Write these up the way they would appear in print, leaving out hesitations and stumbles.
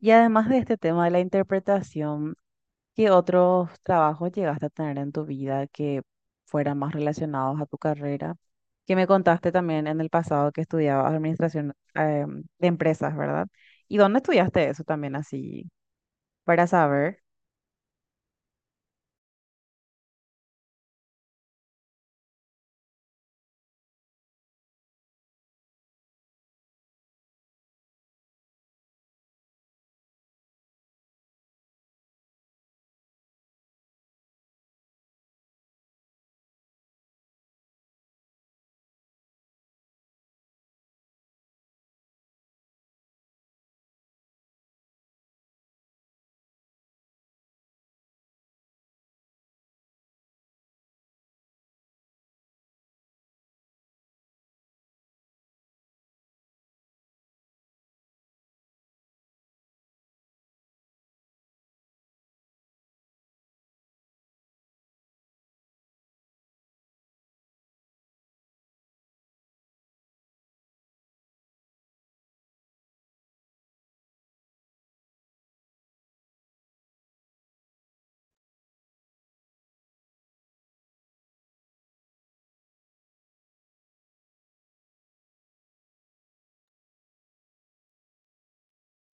Y además de este tema de la interpretación, ¿qué otros trabajos llegaste a tener en tu vida que fueran más relacionados a tu carrera? Que me contaste también en el pasado que estudiabas administración de empresas, ¿verdad? ¿Y dónde estudiaste eso también así? Para saber.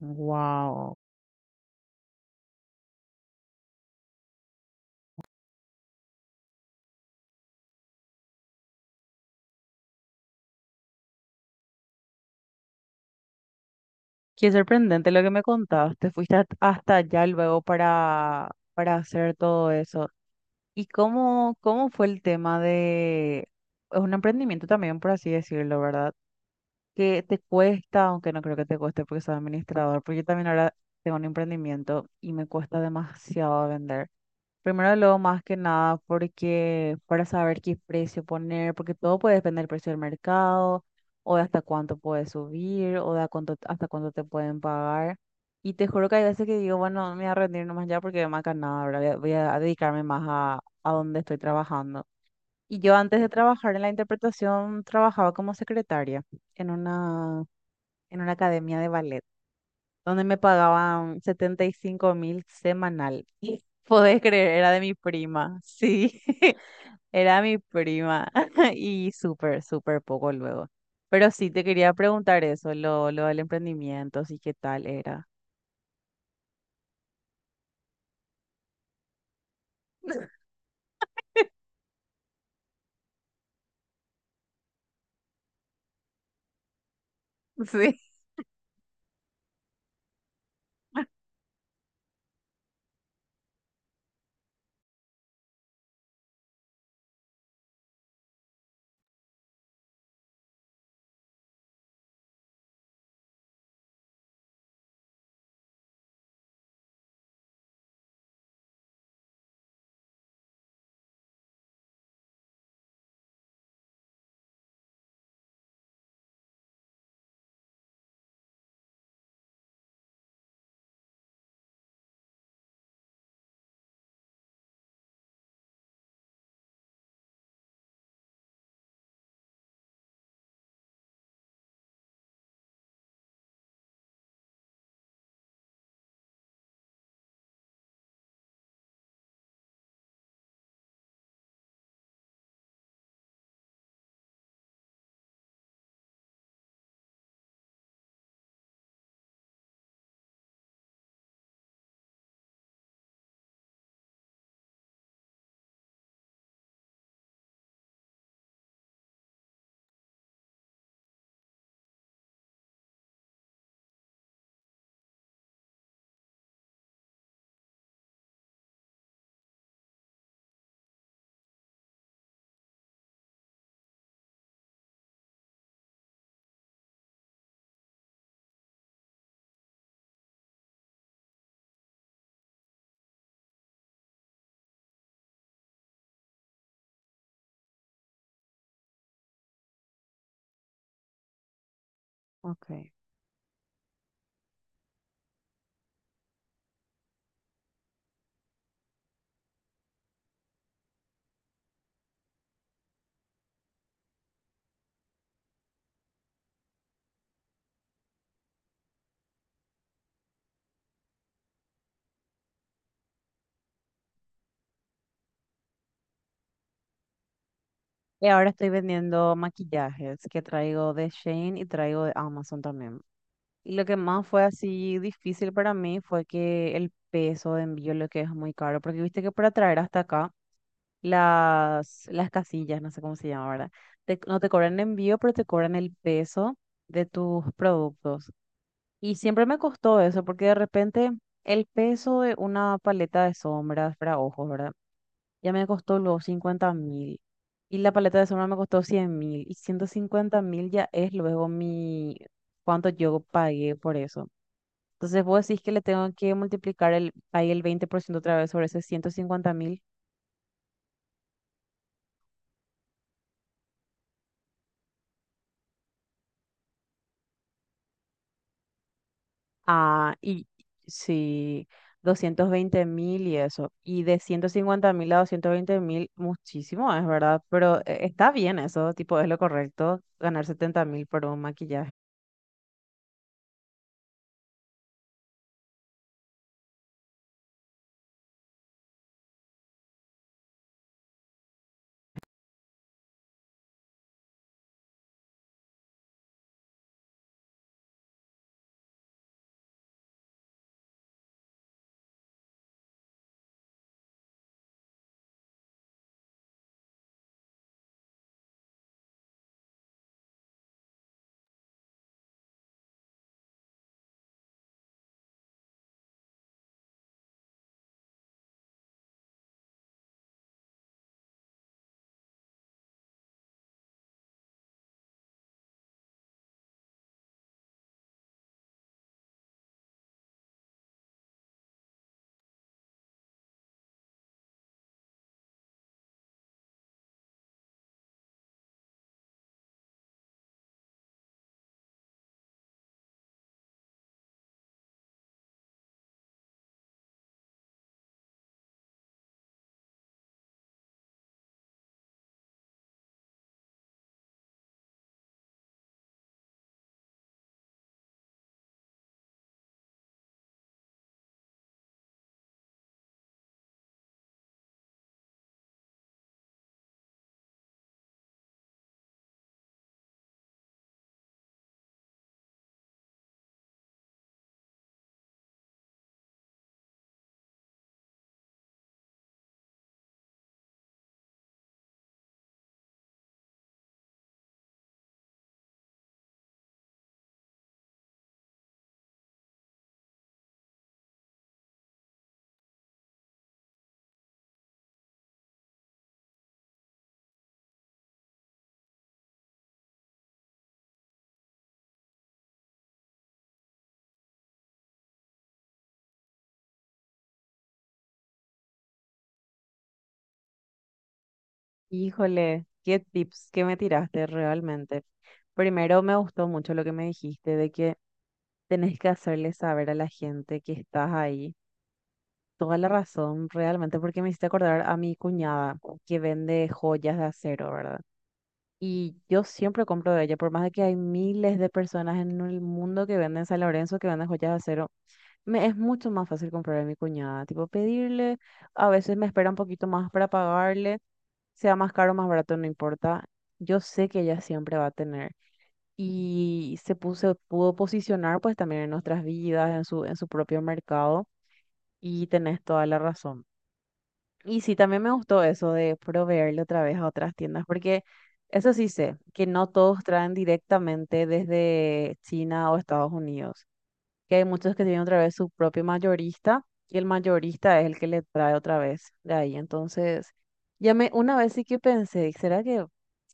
Wow. Qué sorprendente lo que me contaste. Hasta allá luego para hacer todo eso. ¿Y cómo, cómo fue el tema de... Es un emprendimiento también, por así decirlo, ¿verdad? Que te cuesta, aunque no creo que te cueste porque soy administrador, porque yo también ahora tengo un emprendimiento y me cuesta demasiado vender. Primero, luego, más que nada, porque para saber qué precio poner, porque todo puede depender del precio del mercado, o de hasta cuánto puedes subir, o de a cuánto, hasta cuánto te pueden pagar. Y te juro que hay veces que digo, bueno, me voy a rendir nomás ya porque más que nada, ahora voy a, voy a dedicarme más a donde estoy trabajando. Y yo antes de trabajar en la interpretación, trabajaba como secretaria en una en una academia de ballet, donde me pagaban 75.000 semanal. Y podés creer, era de mi prima, sí, era mi prima. Y súper, súper poco luego. Pero sí, te quería preguntar eso, lo del emprendimiento, sí, qué tal era. Sí. Ok. Y ahora estoy vendiendo maquillajes que traigo de Shane y traigo de Amazon también. Y lo que más fue así difícil para mí fue que el peso de envío, lo que es muy caro, porque viste que para traer hasta acá las casillas, no sé cómo se llama, ¿verdad? No te cobran envío, pero te cobran el peso de tus productos. Y siempre me costó eso, porque de repente el peso de una paleta de sombras para ojos, ¿verdad? Ya me costó los 50.000. Y la paleta de sombra me costó 100.000. Y 150.000 ya es luego mi... cuánto yo pagué por eso. Entonces vos decís que le tengo que multiplicar el, ahí el 20% otra vez sobre ese 150.000. Ah, y sí, 220.000 y eso. Y de 150.000 a 220.000, muchísimo es, ¿verdad? Pero está bien eso, tipo, es lo correcto, ganar 70 mil por un maquillaje. Híjole, qué tips que me tiraste realmente. Primero me gustó mucho lo que me dijiste de que tenés que hacerle saber a la gente que estás ahí. Toda la razón, realmente, porque me hiciste acordar a mi cuñada que vende joyas de acero, ¿verdad? Y yo siempre compro de ella, por más de que hay miles de personas en el mundo que venden San Lorenzo, que venden joyas de acero, me es mucho más fácil comprar de mi cuñada, tipo pedirle, a veces me espera un poquito más para pagarle, sea más caro o más barato, no importa, yo sé que ella siempre va a tener. Y se puso, pudo posicionar pues también en nuestras vidas, en su propio mercado, y tenés toda la razón. Y sí, también me gustó eso de proveerle otra vez a otras tiendas, porque eso sí sé, que no todos traen directamente desde China o Estados Unidos, que hay muchos que tienen otra vez su propio mayorista y el mayorista es el que le trae otra vez de ahí. Entonces, ya me, una vez sí que pensé, ¿será que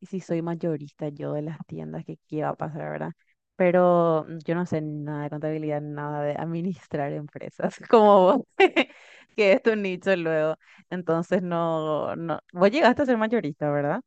y si soy mayorista yo de las tiendas, que qué va a pasar, verdad? Pero yo no sé nada de contabilidad, nada de administrar empresas como vos, que es tu nicho luego. Entonces, no, no, vos llegaste a ser mayorista, ¿verdad?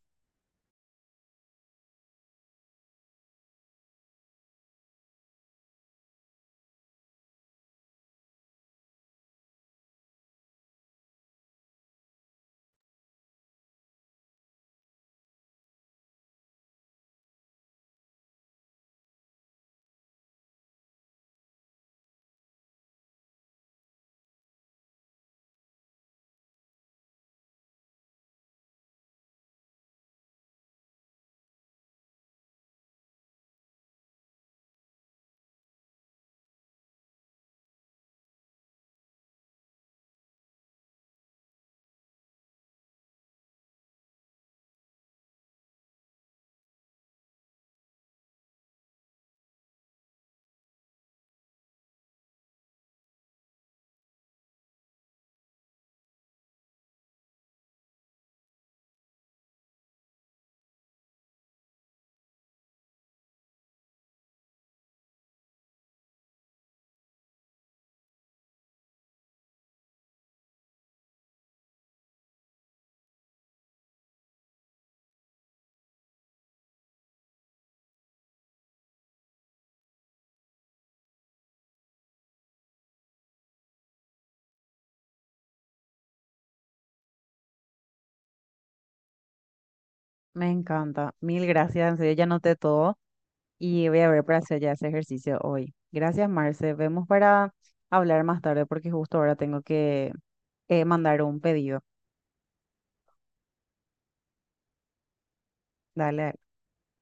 Me encanta. Mil gracias, en serio, ya noté todo. Y voy a ver para hacer ya ese ejercicio hoy. Gracias, Marce. Vemos para hablar más tarde porque justo ahora tengo que mandar un pedido. Dale.